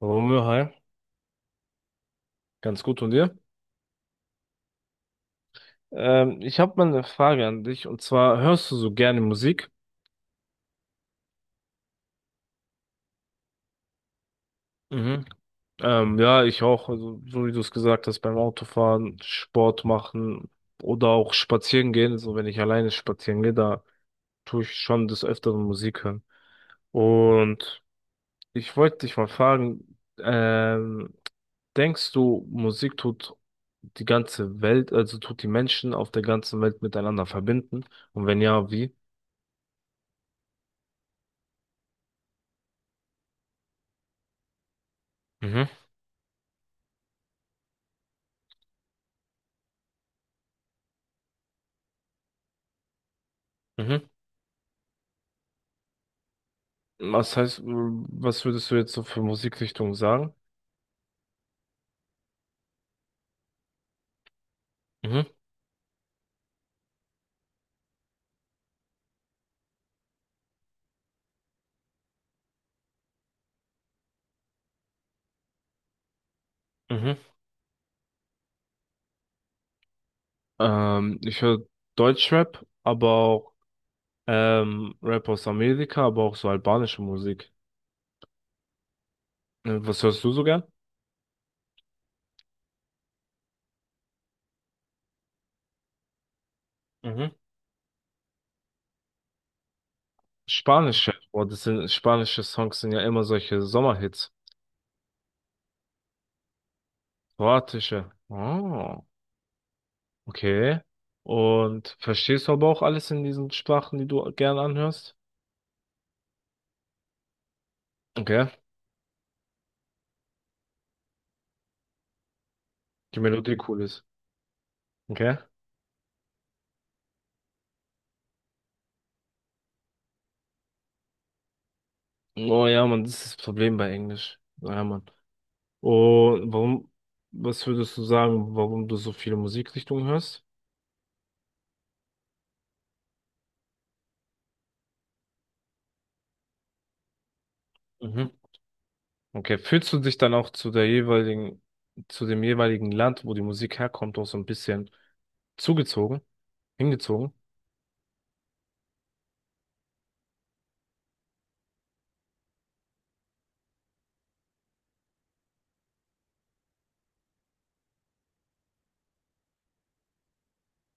Romeo, hi. Ganz gut und dir? Ich habe mal eine Frage an dich und zwar hörst du so gerne Musik? Mhm. Ja, ich auch. Also, so wie du es gesagt hast, beim Autofahren, Sport machen oder auch spazieren gehen. So wenn ich alleine spazieren gehe, da tue ich schon des Öfteren Musik hören. Und ich wollte dich mal fragen, denkst du, Musik tut die ganze Welt, also tut die Menschen auf der ganzen Welt miteinander verbinden? Und wenn ja, wie? Mhm. Mhm. Was heißt, was würdest du jetzt so für Musikrichtungen sagen? Mhm. Mhm. Ich höre Deutschrap, aber auch Rap aus Amerika, aber auch so albanische Musik. Was hörst du so gern? Mhm. Spanische. Boah, das sind spanische Songs sind ja immer solche Sommerhits. Kroatische. Oh, okay. Und verstehst du aber auch alles in diesen Sprachen, die du gern anhörst? Okay. Die Melodie cool ist. Okay. Oh ja, Mann, das ist das Problem bei Englisch. Ja, Mann. Und warum, was würdest du sagen, warum du so viele Musikrichtungen hörst? Mhm. Okay, fühlst du dich dann auch zu der jeweiligen, zu dem jeweiligen Land, wo die Musik herkommt, auch so ein bisschen zugezogen, hingezogen?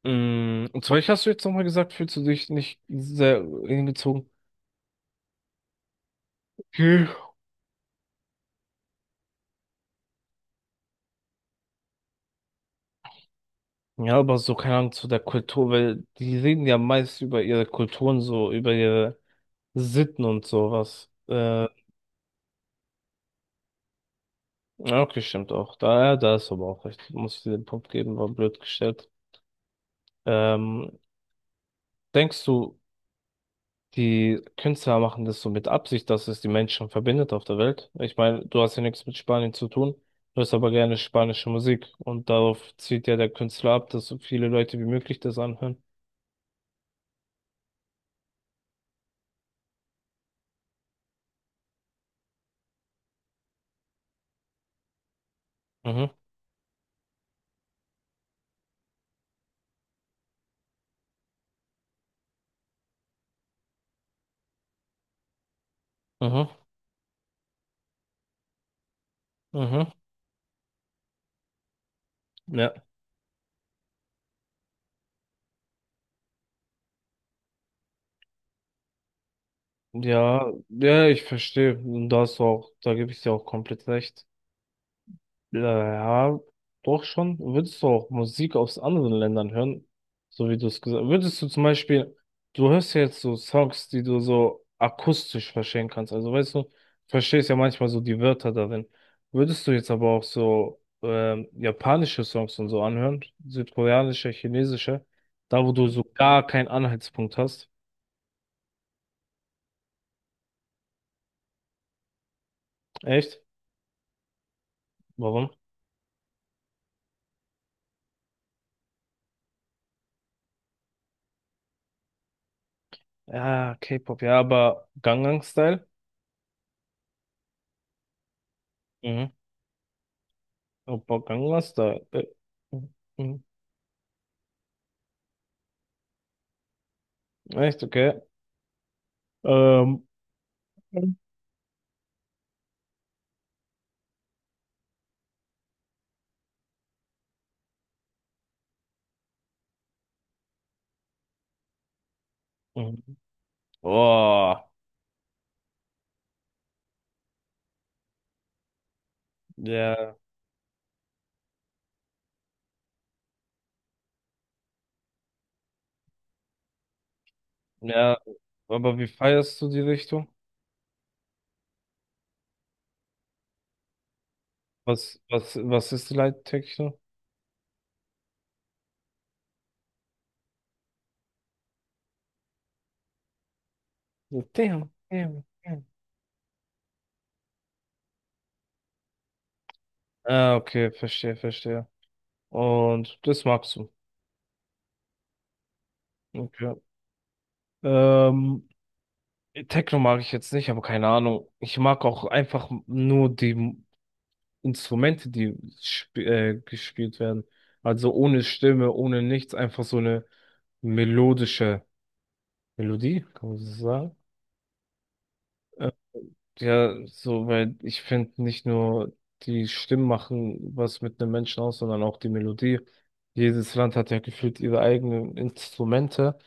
Mm, und zwar, ich hast du jetzt nochmal gesagt, fühlst du dich nicht sehr hingezogen? Okay. Ja, aber so, keine Ahnung, zu der Kultur, weil die reden ja meist über ihre Kulturen, so, über ihre Sitten und sowas. Ja, okay, stimmt auch. Da, ja, da ist aber auch recht. Muss ich dir den Punkt geben, war blöd gestellt. Ähm, denkst du, die Künstler machen das so mit Absicht, dass es die Menschen verbindet auf der Welt? Ich meine, du hast ja nichts mit Spanien zu tun, du hörst aber gerne spanische Musik und darauf zielt ja der Künstler ab, dass so viele Leute wie möglich das anhören. Mhm, mhm, mhm. Ja. Ja, ja, ich verstehe. Und da hast du auch, da gebe ich dir auch komplett recht. Ja, ja, doch schon. Würdest du auch Musik aus anderen Ländern hören? So wie du es gesagt hast. Würdest du zum Beispiel, du hörst ja jetzt so Songs, die du so akustisch verstehen kannst. Also weißt du, verstehst ja manchmal so die Wörter darin. Würdest du jetzt aber auch so japanische Songs und so anhören? Südkoreanische, chinesische? Da, wo du so gar keinen Anhaltspunkt hast. Echt? Warum? Ja, K-Pop, ja, aber Gangnam Style? Mhm. Opa, Gangnam Style. Äh, Echt, okay. Ähm, mhm. Boah, ja, ja, aber wie feierst du die Richtung? Was, was, was ist die Leittechno? Damn, damn, damn. Ah, okay, verstehe, verstehe. Und das magst du. Okay. Ähm, Techno mag ich jetzt nicht, aber keine Ahnung. Ich mag auch einfach nur die Instrumente, die sp gespielt werden. Also ohne Stimme, ohne nichts, einfach so eine melodische. Melodie, kann man so sagen. Äh, ja, so, weil ich finde, nicht nur die Stimmen machen was mit einem Menschen aus, sondern auch die Melodie. Jedes Land hat ja gefühlt ihre eigenen Instrumente.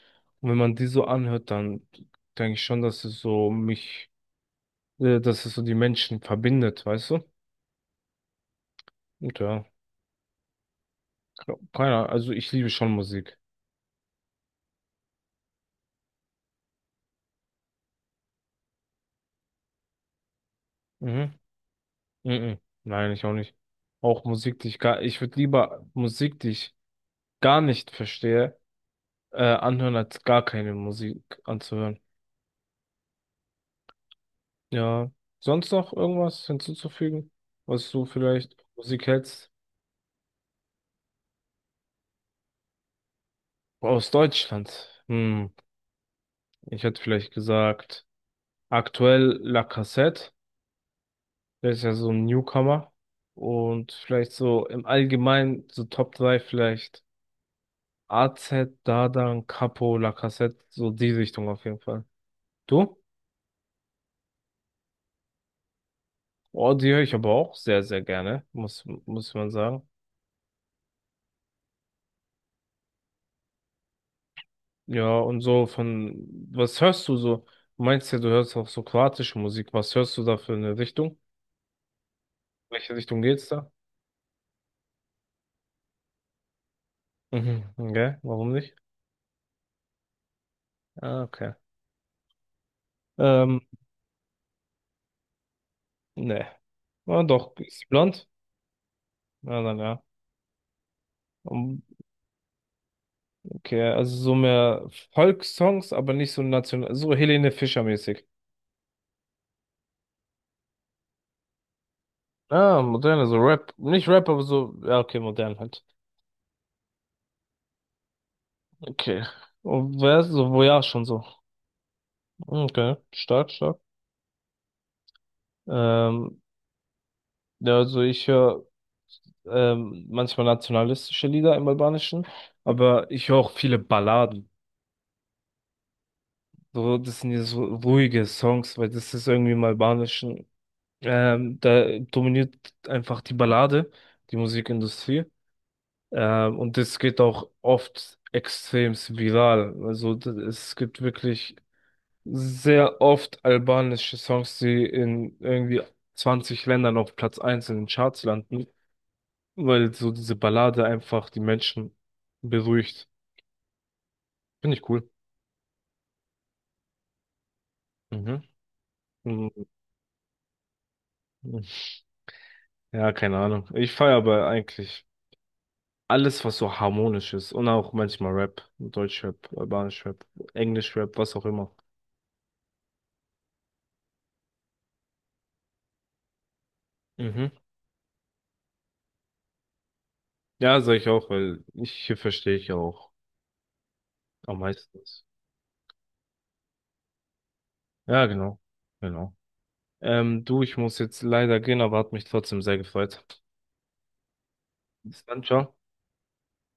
Und wenn man die so anhört, dann denke ich schon, dass es so mich, dass es so die Menschen verbindet, weißt du? Und ja, keiner, also ich liebe schon Musik. Mhm. Mhm. Nein, ich auch nicht. Auch Musik, die ich gar, ich würde lieber Musik, die ich gar nicht verstehe, anhören, als gar keine Musik anzuhören. Ja, sonst noch irgendwas hinzuzufügen, was du vielleicht Musik hältst? Aus Deutschland. Hm, ich hätte vielleicht gesagt, aktuell La Cassette, der ist ja so ein Newcomer. Und vielleicht so im Allgemeinen, so Top 3 vielleicht AZ Dadan, Capo, La Cassette, so die Richtung auf jeden Fall. Du? Oh, die höre ich aber auch sehr, sehr gerne, muss, muss man sagen. Ja, und so von, was hörst du so? Du meinst ja, du hörst auch so kroatische Musik. Was hörst du da für eine Richtung? Welche Richtung geht's da? Mhm, okay, warum nicht? Ah, okay. Ähm, ne. Ja, doch, ist sie blond? Ja, dann ja. Um, okay, also so mehr Volkssongs, aber nicht so national, so Helene Fischer-mäßig. Ah, moderne, so Rap. Nicht Rap, aber so, ja, okay, modern halt. Okay. Und wer ist so, wo ja, schon so. Okay, stark, stark. Ähm, ja, also ich höre manchmal nationalistische Lieder im Albanischen, aber ich höre auch viele Balladen. So, das sind ja so ruhige Songs, weil das ist irgendwie im Albanischen. Da dominiert einfach die Ballade, die Musikindustrie. Und das geht auch oft extrem viral. Also es gibt wirklich sehr oft albanische Songs, die in irgendwie 20 Ländern auf Platz 1 in den Charts landen, weil so diese Ballade einfach die Menschen beruhigt. Finde ich cool. Mhm. Mhm. Ja, keine Ahnung. Ich feiere aber eigentlich alles, was so harmonisch ist. Und auch manchmal Rap, Deutschrap, Albanisch Rap, Englisch Rap, was auch immer. Mhm. Ja, sag ich auch, weil ich, hier verstehe ich ja auch am meisten. Was. Ja, genau. Genau. Du, ich muss jetzt leider gehen, aber hat mich trotzdem sehr gefreut. Bis dann, ciao.